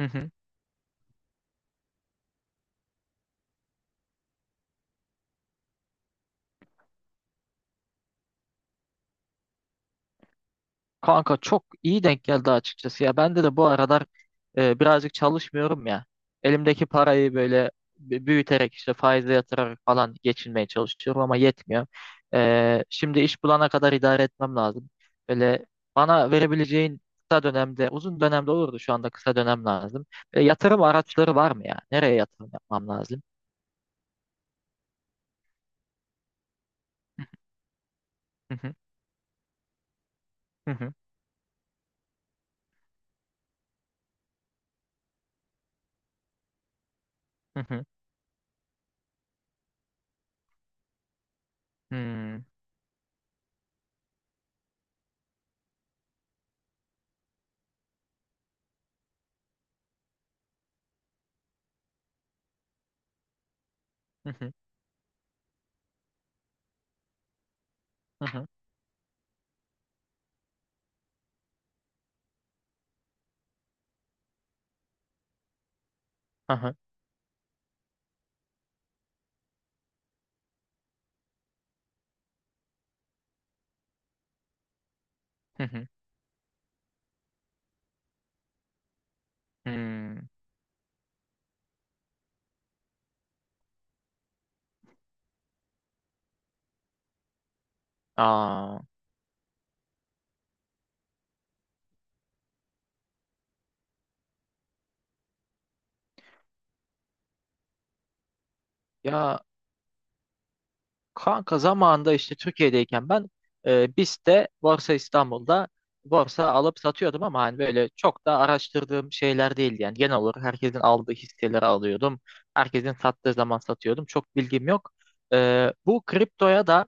Hı hı. Kanka çok iyi denk geldi açıkçası ya. Bende de bu aralar birazcık çalışmıyorum ya. Elimdeki parayı böyle büyüterek işte faize yatırarak falan geçinmeye çalışıyorum ama yetmiyor. Şimdi iş bulana kadar idare etmem lazım. Böyle bana verebileceğin kısa dönemde, uzun dönemde olurdu şu anda kısa dönem lazım. Yatırım araçları var mı ya? Nereye yatırım yapmam lazım? Hı hı, hı hı, hı hı, hı hı, hı hı, hı hı, hı hı, hı hı, hı. Aa, ya Kanka zamanında işte Türkiye'deyken ben BIST'te Borsa İstanbul'da borsa alıp satıyordum ama hani böyle çok da araştırdığım şeyler değildi. Yani genel olarak herkesin aldığı hisseleri alıyordum. Herkesin sattığı zaman satıyordum. Çok bilgim yok. Bu kriptoya da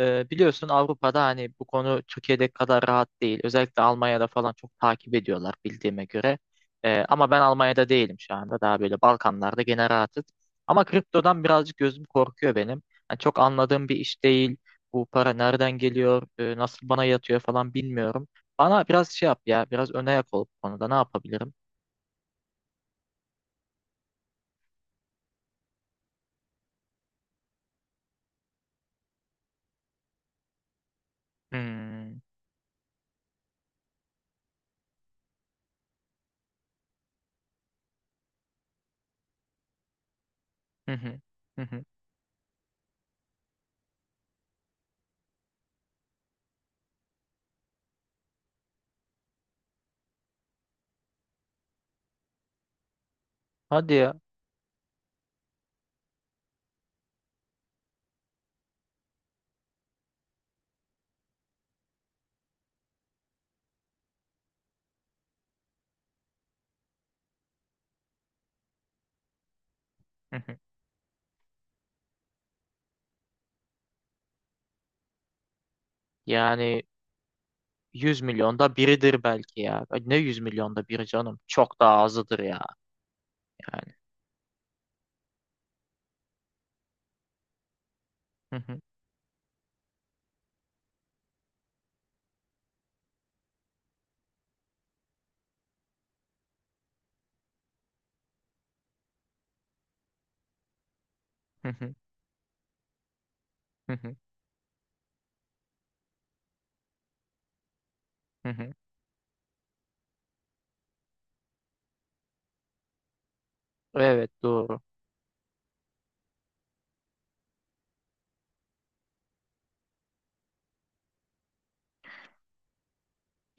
biliyorsun Avrupa'da hani bu konu Türkiye'de kadar rahat değil. Özellikle Almanya'da falan çok takip ediyorlar bildiğime göre. Ama ben Almanya'da değilim şu anda. Daha böyle Balkanlarda gene rahatız. Ama kriptodan birazcık gözüm korkuyor benim. Yani çok anladığım bir iş değil. Bu para nereden geliyor, nasıl bana yatıyor falan bilmiyorum. Bana biraz şey yap ya, biraz öne yak ol bu konuda. Ne yapabilirim? Hmm. Hı hı. Hı hı. Hadi ya. Hı hı. Yani 100 milyonda biridir belki ya. Ay, ne 100 milyonda biri canım? Çok daha azıdır ya. Yani. Hı hı. Hı hı. Hı hı. Hı hı. Evet, doğru.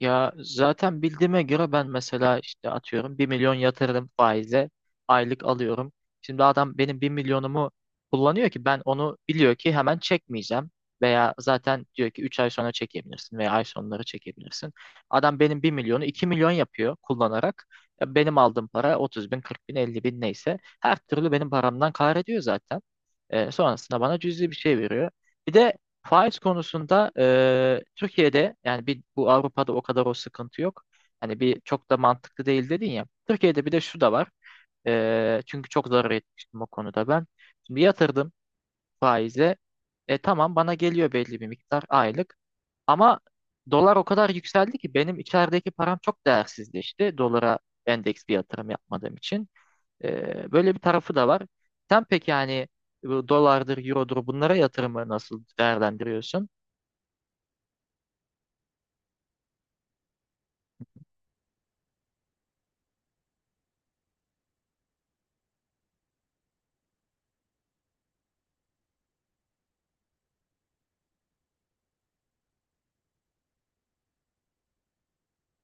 Ya zaten bildiğime göre ben mesela işte atıyorum 1 milyon yatırdım faize aylık alıyorum. Şimdi adam benim 1 milyonumu kullanıyor ki ben onu biliyor ki hemen çekmeyeceğim. Veya zaten diyor ki 3 ay sonra çekebilirsin veya ay sonları çekebilirsin. Adam benim bir milyonu 2 milyon yapıyor kullanarak. Ya benim aldığım para 30 bin 40 bin 50 bin neyse her türlü benim paramdan kar ediyor zaten. Sonrasında bana cüzi bir şey veriyor. Bir de faiz konusunda Türkiye'de yani bir bu Avrupa'da o kadar o sıkıntı yok. Hani bir çok da mantıklı değil dedin ya. Türkiye'de bir de şu da var. Çünkü çok zarar etmiştim o konuda ben. Şimdi yatırdım faize. Tamam bana geliyor belli bir miktar aylık. Ama dolar o kadar yükseldi ki benim içerideki param çok değersizleşti. Dolara endeks bir yatırım yapmadığım için. Böyle bir tarafı da var. Sen peki yani bu dolardır, eurodur bunlara yatırımı nasıl değerlendiriyorsun?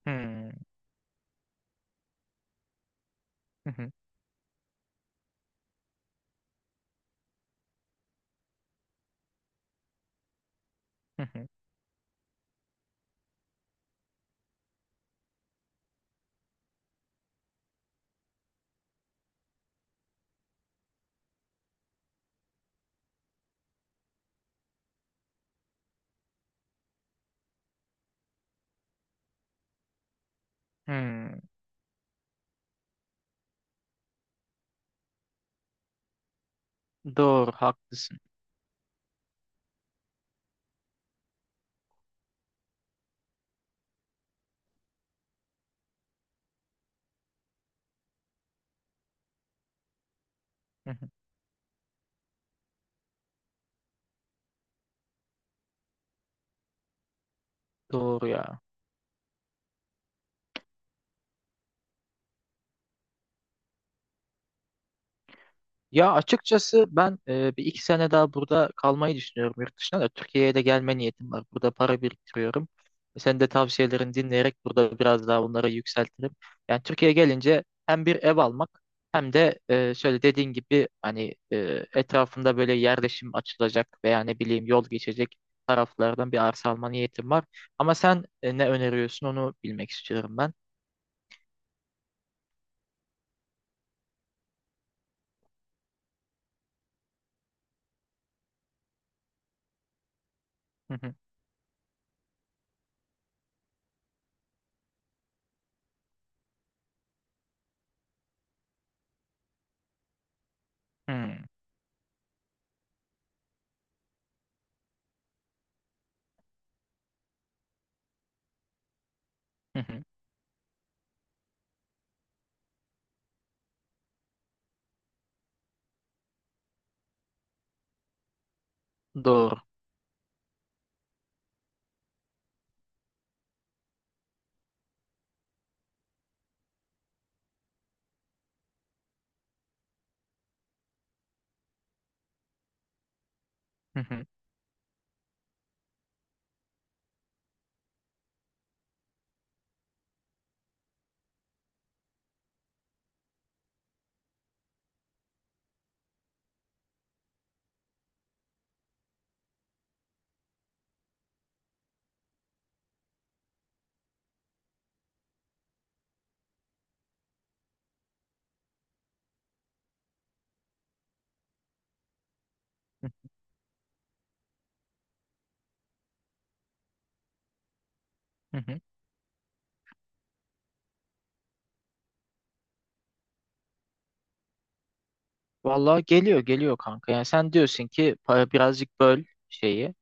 Hmm. Hı hı. Hı hı. Hmm. Doğru, haklısın. Hı hı. Doğru ya. Ya açıkçası ben bir iki sene daha burada kalmayı düşünüyorum, yurt dışına da Türkiye'ye de gelme niyetim var. Burada para biriktiriyorum. Sen de tavsiyelerini dinleyerek burada biraz daha bunları yükseltirim. Yani Türkiye'ye gelince hem bir ev almak hem de şöyle dediğin gibi hani etrafında böyle yerleşim açılacak veya ne bileyim yol geçecek taraflardan bir arsa alma niyetim var. Ama sen ne öneriyorsun onu bilmek istiyorum ben. Hı hı, hı, hı hı. Hı. Doğru. Hı hı, hı hı. Vallahi geliyor geliyor kanka. Yani sen diyorsun ki para birazcık böl şeyi.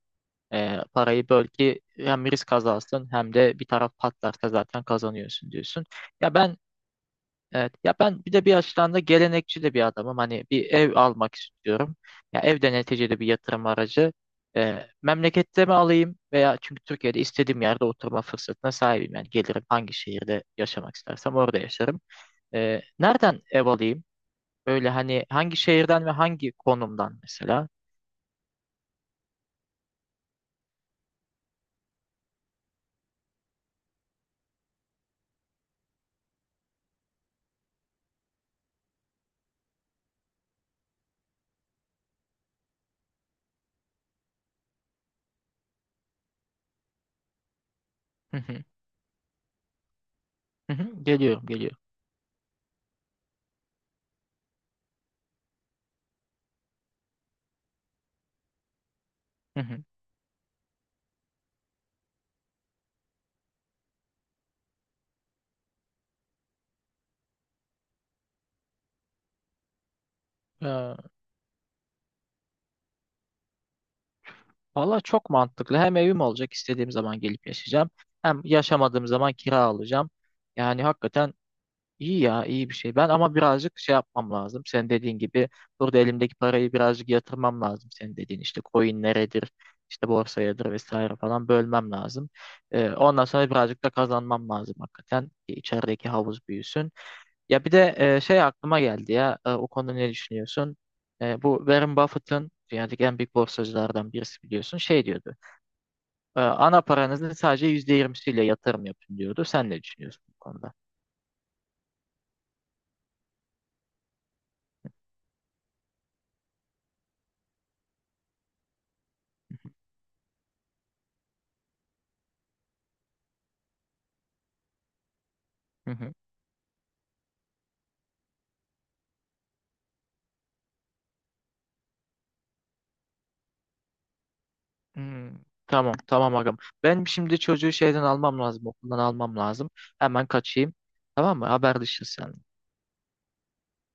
Parayı böl ki hem risk azansın hem de bir taraf patlarsa zaten kazanıyorsun diyorsun. Ya ben evet, ya ben bir de bir açıdan da gelenekçi de bir adamım. Hani bir ev almak istiyorum. Ya ev de neticede bir yatırım aracı. Memlekette mi alayım, veya çünkü Türkiye'de istediğim yerde oturma fırsatına sahibim. Yani gelirim, hangi şehirde yaşamak istersem orada yaşarım. Nereden ev alayım? Öyle hani hangi şehirden ve hangi konumdan mesela? Hı hı. Hı hı. Geliyorum, geliyorum. Hı hı. Ee, valla çok mantıklı. Hem evim olacak, istediğim zaman gelip yaşayacağım. Hem yaşamadığım zaman kira alacağım. Yani hakikaten iyi ya, iyi bir şey. Ben ama birazcık şey yapmam lazım. Sen dediğin gibi burada elimdeki parayı birazcık yatırmam lazım. Senin dediğin işte coin neredir, işte borsayadır vesaire falan bölmem lazım. Ondan sonra birazcık da kazanmam lazım hakikaten, ki içerideki havuz büyüsün. Ya bir de şey aklıma geldi ya, o konuda ne düşünüyorsun? Bu Warren Buffett'ın, dünyadaki en büyük borsacılardan birisi biliyorsun, şey diyordu. Ana paranızın sadece %20'siyle yatırım yapın diyordu. Sen ne düşünüyorsun bu konuda? Hı hı. Hmm, tamam, tamam, agam. Ben şimdi çocuğu şeyden almam lazım okuldan almam lazım. Hemen kaçayım. Tamam mı? Haberleşiriz sen.